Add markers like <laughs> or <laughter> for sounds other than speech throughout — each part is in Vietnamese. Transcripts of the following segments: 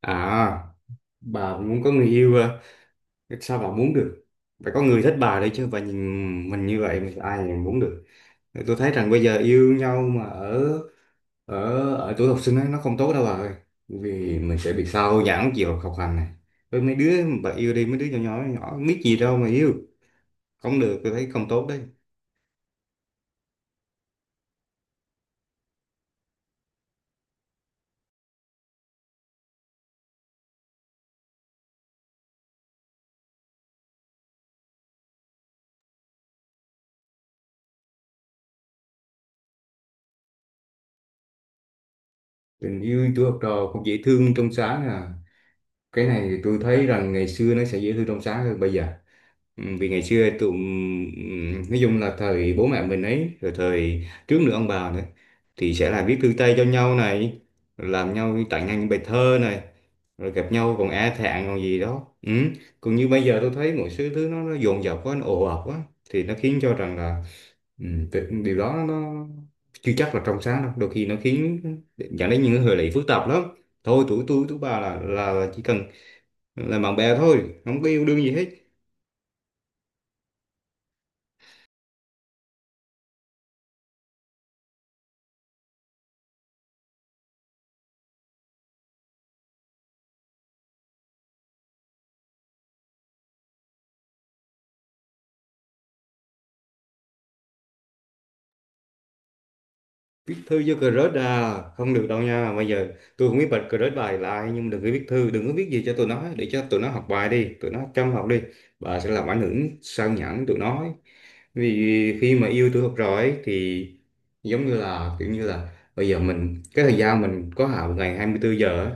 À, bà muốn có người yêu à? Sao bà muốn được? Phải có người thích bà đấy chứ, bà nhìn mình như vậy mà ai mà muốn được. Tôi thấy rằng bây giờ yêu nhau mà ở ở ở tuổi học sinh ấy, nó không tốt đâu bà ơi. Vì mình sẽ bị sao nhãng chiều học hành này. Với mấy đứa bà yêu đi, mấy đứa nhỏ nhỏ, nhỏ biết gì đâu mà yêu. Không được, tôi thấy không tốt đấy. Tình yêu tuổi học trò cũng dễ thương trong sáng à. Cái này thì tôi thấy rằng ngày xưa nó sẽ dễ thương trong sáng hơn bây giờ. Ừ, vì ngày xưa tụi nói chung là thời bố mẹ mình ấy, rồi thời trước nữa ông bà nữa, thì sẽ là viết thư tay cho nhau này, làm nhau tặng nhau những bài thơ này, rồi gặp nhau còn e thẹn còn gì đó. Ừ, còn như bây giờ tôi thấy mọi thứ thứ nó dồn dập quá, nó ồ ạt quá, thì nó khiến cho rằng là, điều đó nó chưa chắc là trong sáng đâu, đôi khi nó khiến dẫn đến những hệ lụy phức tạp lắm. Thôi tuổi tôi tuổi bà là chỉ cần là bạn bè thôi, không có yêu đương gì hết. Viết thư vô crush à, không được đâu nha, bây giờ tôi không biết bật crush bài lại, nhưng đừng có viết thư, đừng có viết gì cho tụi nó, để cho tụi nó học bài đi, tụi nó chăm học đi, bà sẽ làm ảnh hưởng sao nhãng tụi nó ấy. Vì khi mà yêu tôi học rồi ấy, thì giống như là kiểu như là bây giờ mình cái thời gian mình có hạn, một ngày 24 giờ á.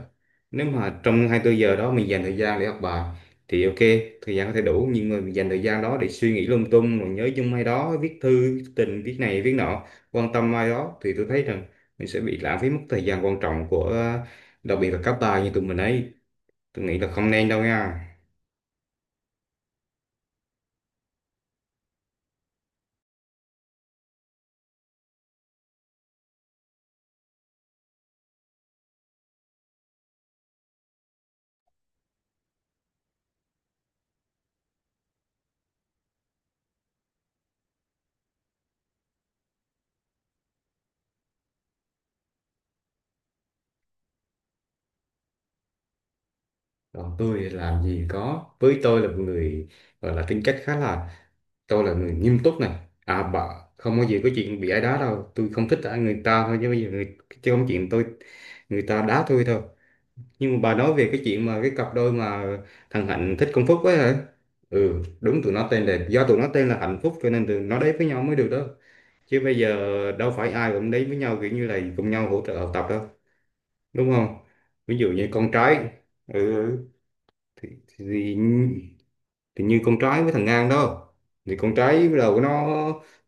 Nếu mà trong 24 giờ đó mình dành thời gian để học bài thì ok, thời gian có thể đủ. Nhưng mà mình dành thời gian đó để suy nghĩ lung tung, rồi nhớ chung hay đó, viết thư viết tình, viết này viết nọ, quan tâm ai đó, thì tôi thấy rằng mình sẽ bị lãng phí mất thời gian quan trọng của đặc biệt là các bà như tụi mình ấy. Tôi nghĩ là không nên đâu nha. Còn tôi làm gì có, với tôi là một người gọi là tính cách khá là, tôi là người nghiêm túc này, à bà, không có gì có chuyện bị ai đá đâu, tôi không thích ai người ta thôi, chứ bây giờ người, chứ không chuyện tôi, người ta đá tôi thôi. Nhưng mà bà nói về cái chuyện mà cái cặp đôi mà thằng Hạnh thích con Phúc ấy hả. Ừ đúng, tụi nó tên là, do tụi nó tên là Hạnh Phúc cho nên tụi nó đấy với nhau mới được đó. Chứ bây giờ đâu phải ai cũng đến với nhau kiểu như là cùng nhau hỗ trợ học tập đâu, đúng không. Ví dụ như con trai, ừ, ừ, thì, thì, thì như con trai với thằng Ngang đó, thì con trai bắt đầu nó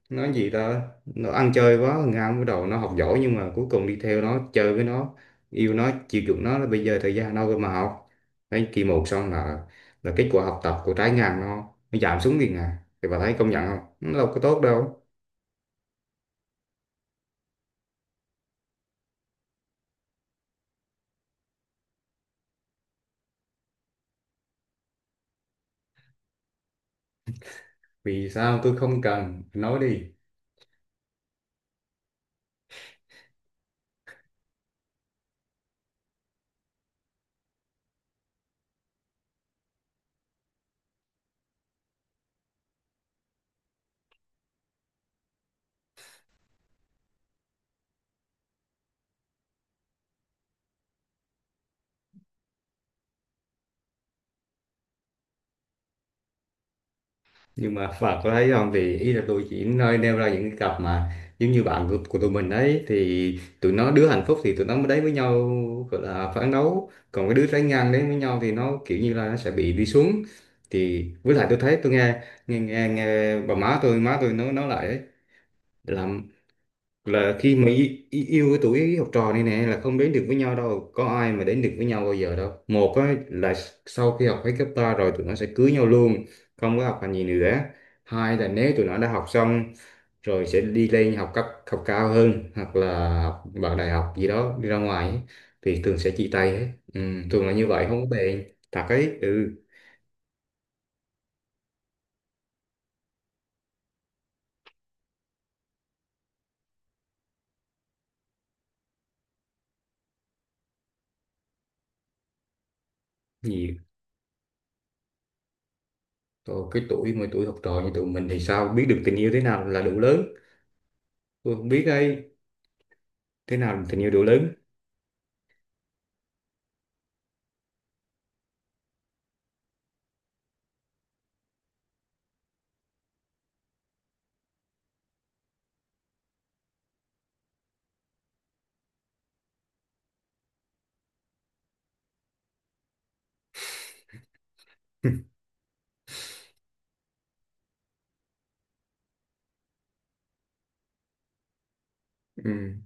nó gì ta, nó ăn chơi quá, thằng Ngang bắt đầu nó học giỏi nhưng mà cuối cùng đi theo nó, chơi với nó, yêu nó, chiều chuộng nó, là bây giờ thời gian đâu cơ mà học. Đấy kỳ một xong là kết quả học tập của trái Ngang nó giảm xuống liền. À thì bà thấy công nhận không, nó đâu có tốt đâu. Vì sao tôi không cần nói đi, nhưng mà và có thấy không, thì ý là tôi chỉ nơi nêu ra những cái cặp mà giống như bạn của tụi mình đấy, thì tụi nó đứa hạnh phúc thì tụi nó mới đấy với nhau, gọi là phản đấu, còn cái đứa trái ngang đấy với nhau thì nó kiểu như là nó sẽ bị đi xuống. Thì với lại tôi thấy tôi nghe bà má tôi nói lại ấy, là là khi mà yêu cái tuổi học trò này nè, là không đến được với nhau đâu, có ai mà đến được với nhau bao giờ đâu. Một á, là sau khi học hết cấp ba rồi tụi nó sẽ cưới nhau luôn, không có học hành gì nữa. Hai là nếu tụi nó đã học xong rồi sẽ đi lên học cấp, học cao hơn hoặc là học vào đại học gì đó, đi ra ngoài ấy, thì thường sẽ chia tay hết. Ừ, thường là như vậy, không có bền thật ấy, ừ. Gì? Thôi, cái tuổi mà tuổi học trò như tụi mình thì sao biết được tình yêu thế nào là đủ lớn, tôi không biết đây thế nào là tình yêu đủ lớn. Ừ,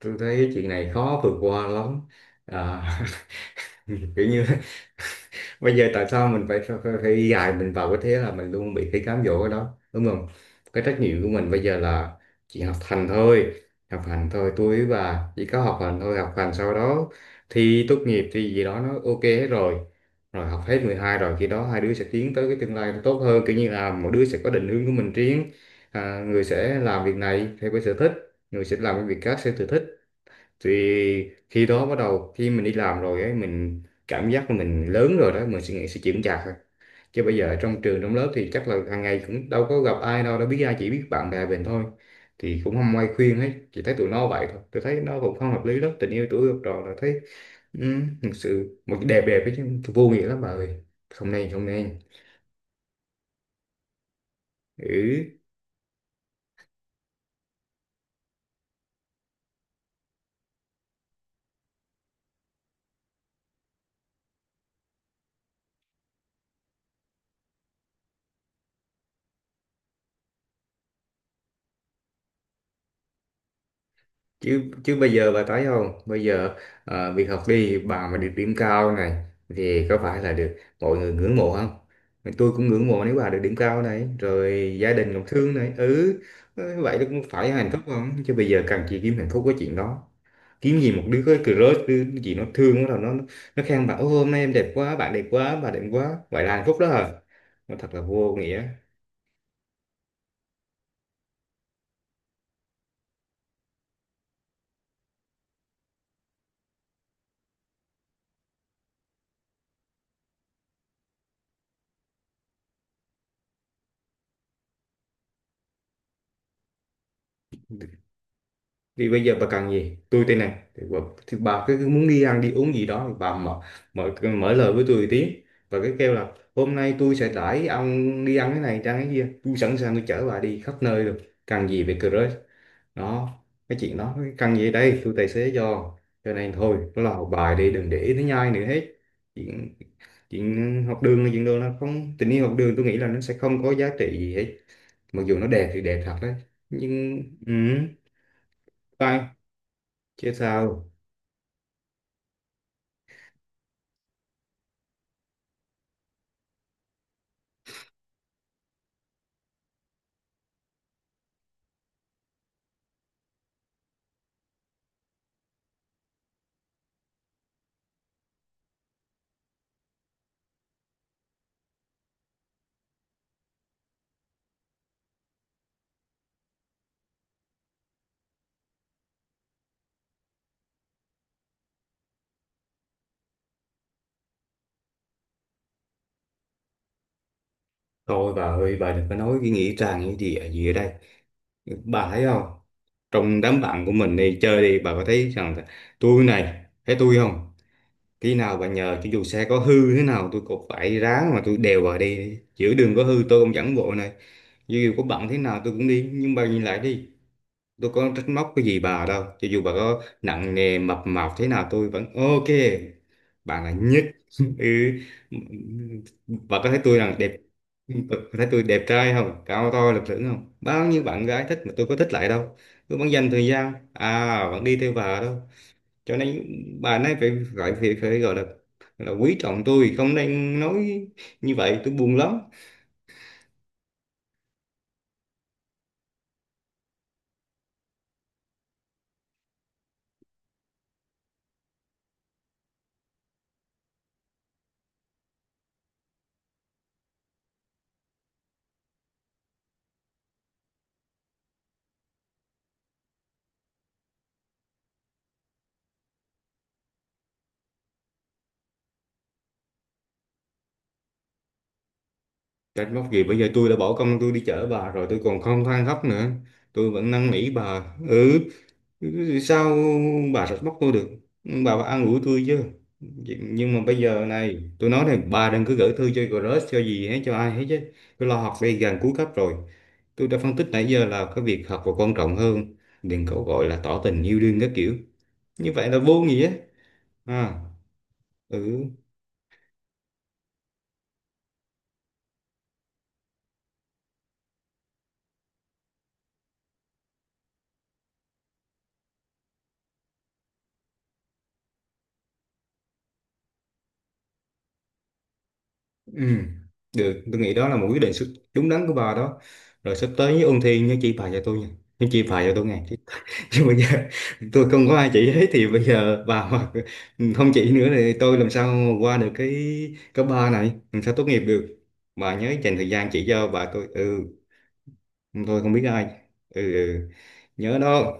tôi thấy chuyện này khó vượt qua lắm, à, <laughs> kiểu như <laughs> bây giờ tại sao mình phải đi dài mình vào cái thế là mình luôn bị cái cám dỗ ở đó, đúng không. Cái trách nhiệm của mình bây giờ là chỉ học hành thôi, học hành thôi tôi, và chỉ có học hành thôi, học hành sau đó thi tốt nghiệp thì gì đó nó ok hết rồi. Rồi học hết 12 rồi, khi đó hai đứa sẽ tiến tới cái tương lai nó tốt hơn, kiểu như là mỗi đứa sẽ có định hướng của mình riêng. À, người sẽ làm việc này theo cái sở thích, người sẽ làm cái việc khác theo sở thích, thì khi đó bắt đầu khi mình đi làm rồi ấy, mình cảm giác là mình lớn rồi đó, mình suy nghĩ sẽ chững chạc thôi. Chứ bây giờ ở trong trường trong lớp thì chắc là hàng ngày cũng đâu có gặp ai đâu, đâu biết ai, chỉ biết bạn bè mình thôi, thì cũng không ai khuyên hết, chỉ thấy tụi nó vậy thôi. Tôi thấy nó cũng không hợp lý lắm, tình yêu tuổi học trò là thấy, ừ, thực sự một cái đẹp đẹp ấy chứ vô nghĩa lắm bà ơi, không nên không nên. Ừ, chứ chứ bây giờ bà thấy không, bây giờ việc học đi bà, mà được điểm cao này thì có phải là được mọi người ngưỡng mộ không. Tôi cũng ngưỡng mộ nếu bà được điểm cao này, rồi gia đình cũng thương này, ừ. Ờ, vậy nó cũng phải hạnh phúc không, chứ bây giờ cần chị kiếm hạnh phúc cái chuyện đó, kiếm gì một đứa cái crush đứa gì nó thương, bắt đầu nó khen bà, ô hôm nay em đẹp quá, bạn đẹp quá, bà đẹp quá, vậy là hạnh phúc đó hả. Nó thật là vô nghĩa. Thì bây giờ bà cần gì tôi tên này thì bà cứ cứ muốn đi ăn đi uống gì đó thì bà mở mở mở lời với tôi một tiếng, và cái kêu là hôm nay tôi sẽ đãi ông đi ăn cái này ăn cái kia, tôi sẵn sàng, tôi chở bà đi khắp nơi được. Cần gì về crush đó, cái chuyện đó cái cần gì, đây tôi tài xế cho. Cho nên thôi, nó là học bài đi, đừng để nó nhai nữa hết. Chuyện Chuyện học đường là chuyện đường nó, không tình yêu học đường, tôi nghĩ là nó sẽ không có giá trị gì hết, mặc dù nó đẹp thì đẹp thật đấy. Nhưng ừ, bye. Chứ sao. Thôi bà ơi, bà đừng có nói cái nghĩa trang như gì ở đây. Bà thấy không? Trong đám bạn của mình đi chơi đi, bà có thấy rằng là tôi này, thấy tôi không? Khi nào bà nhờ cho dù xe có hư thế nào tôi cũng phải ráng mà tôi đèo bà đi. Giữa đường có hư tôi cũng dẫn bộ này. Dù có bận thế nào tôi cũng đi, nhưng bà nhìn lại đi, tôi có trách móc cái gì bà đâu, cho dù bà có nặng nề mập mạp thế nào tôi vẫn ok, bạn là nhất. <laughs> Ừ, bà có thấy tôi là đẹp, bà có thấy tôi đẹp trai không, cao to lực lưỡng không, bao nhiêu bạn gái thích mà tôi có thích lại đâu, tôi vẫn dành thời gian à vẫn đi theo bà đâu. Cho nên bà này phải, phải phải, phải gọi là quý trọng tôi, không nên nói như vậy, tôi buồn lắm. Trách móc gì, bây giờ tôi đã bỏ công tôi đi chở bà rồi, tôi còn không than khóc nữa, tôi vẫn năn nỉ bà, ừ. Sao bà trách móc tôi được, bà phải an ủi tôi chứ. Nhưng mà bây giờ này tôi nói này, bà đừng cứ gửi thư cho crush cho gì hết, cho ai hết chứ. Tôi lo học đây, gần cuối cấp rồi, tôi đã phân tích nãy giờ là cái việc học là quan trọng hơn. Đừng có gọi là tỏ tình yêu đương các kiểu, như vậy là vô nghĩa. À, ừ. Ừ, được, tôi nghĩ đó là một quyết định đúng đắn của bà đó. Rồi sắp tới nhớ ôn thi, nhớ chỉ bài cho tôi nha, nhớ chỉ bài cho tôi nghe. <laughs> Chứ bây giờ tôi không có ai chỉ hết, thì bây giờ bà mà không chỉ nữa thì tôi làm sao mà qua được cái cấp ba này, làm sao tốt nghiệp được. Bà nhớ dành thời gian chỉ cho bà tôi. Ừ, tôi không biết ai. Ừ, ừ. Nhớ đó.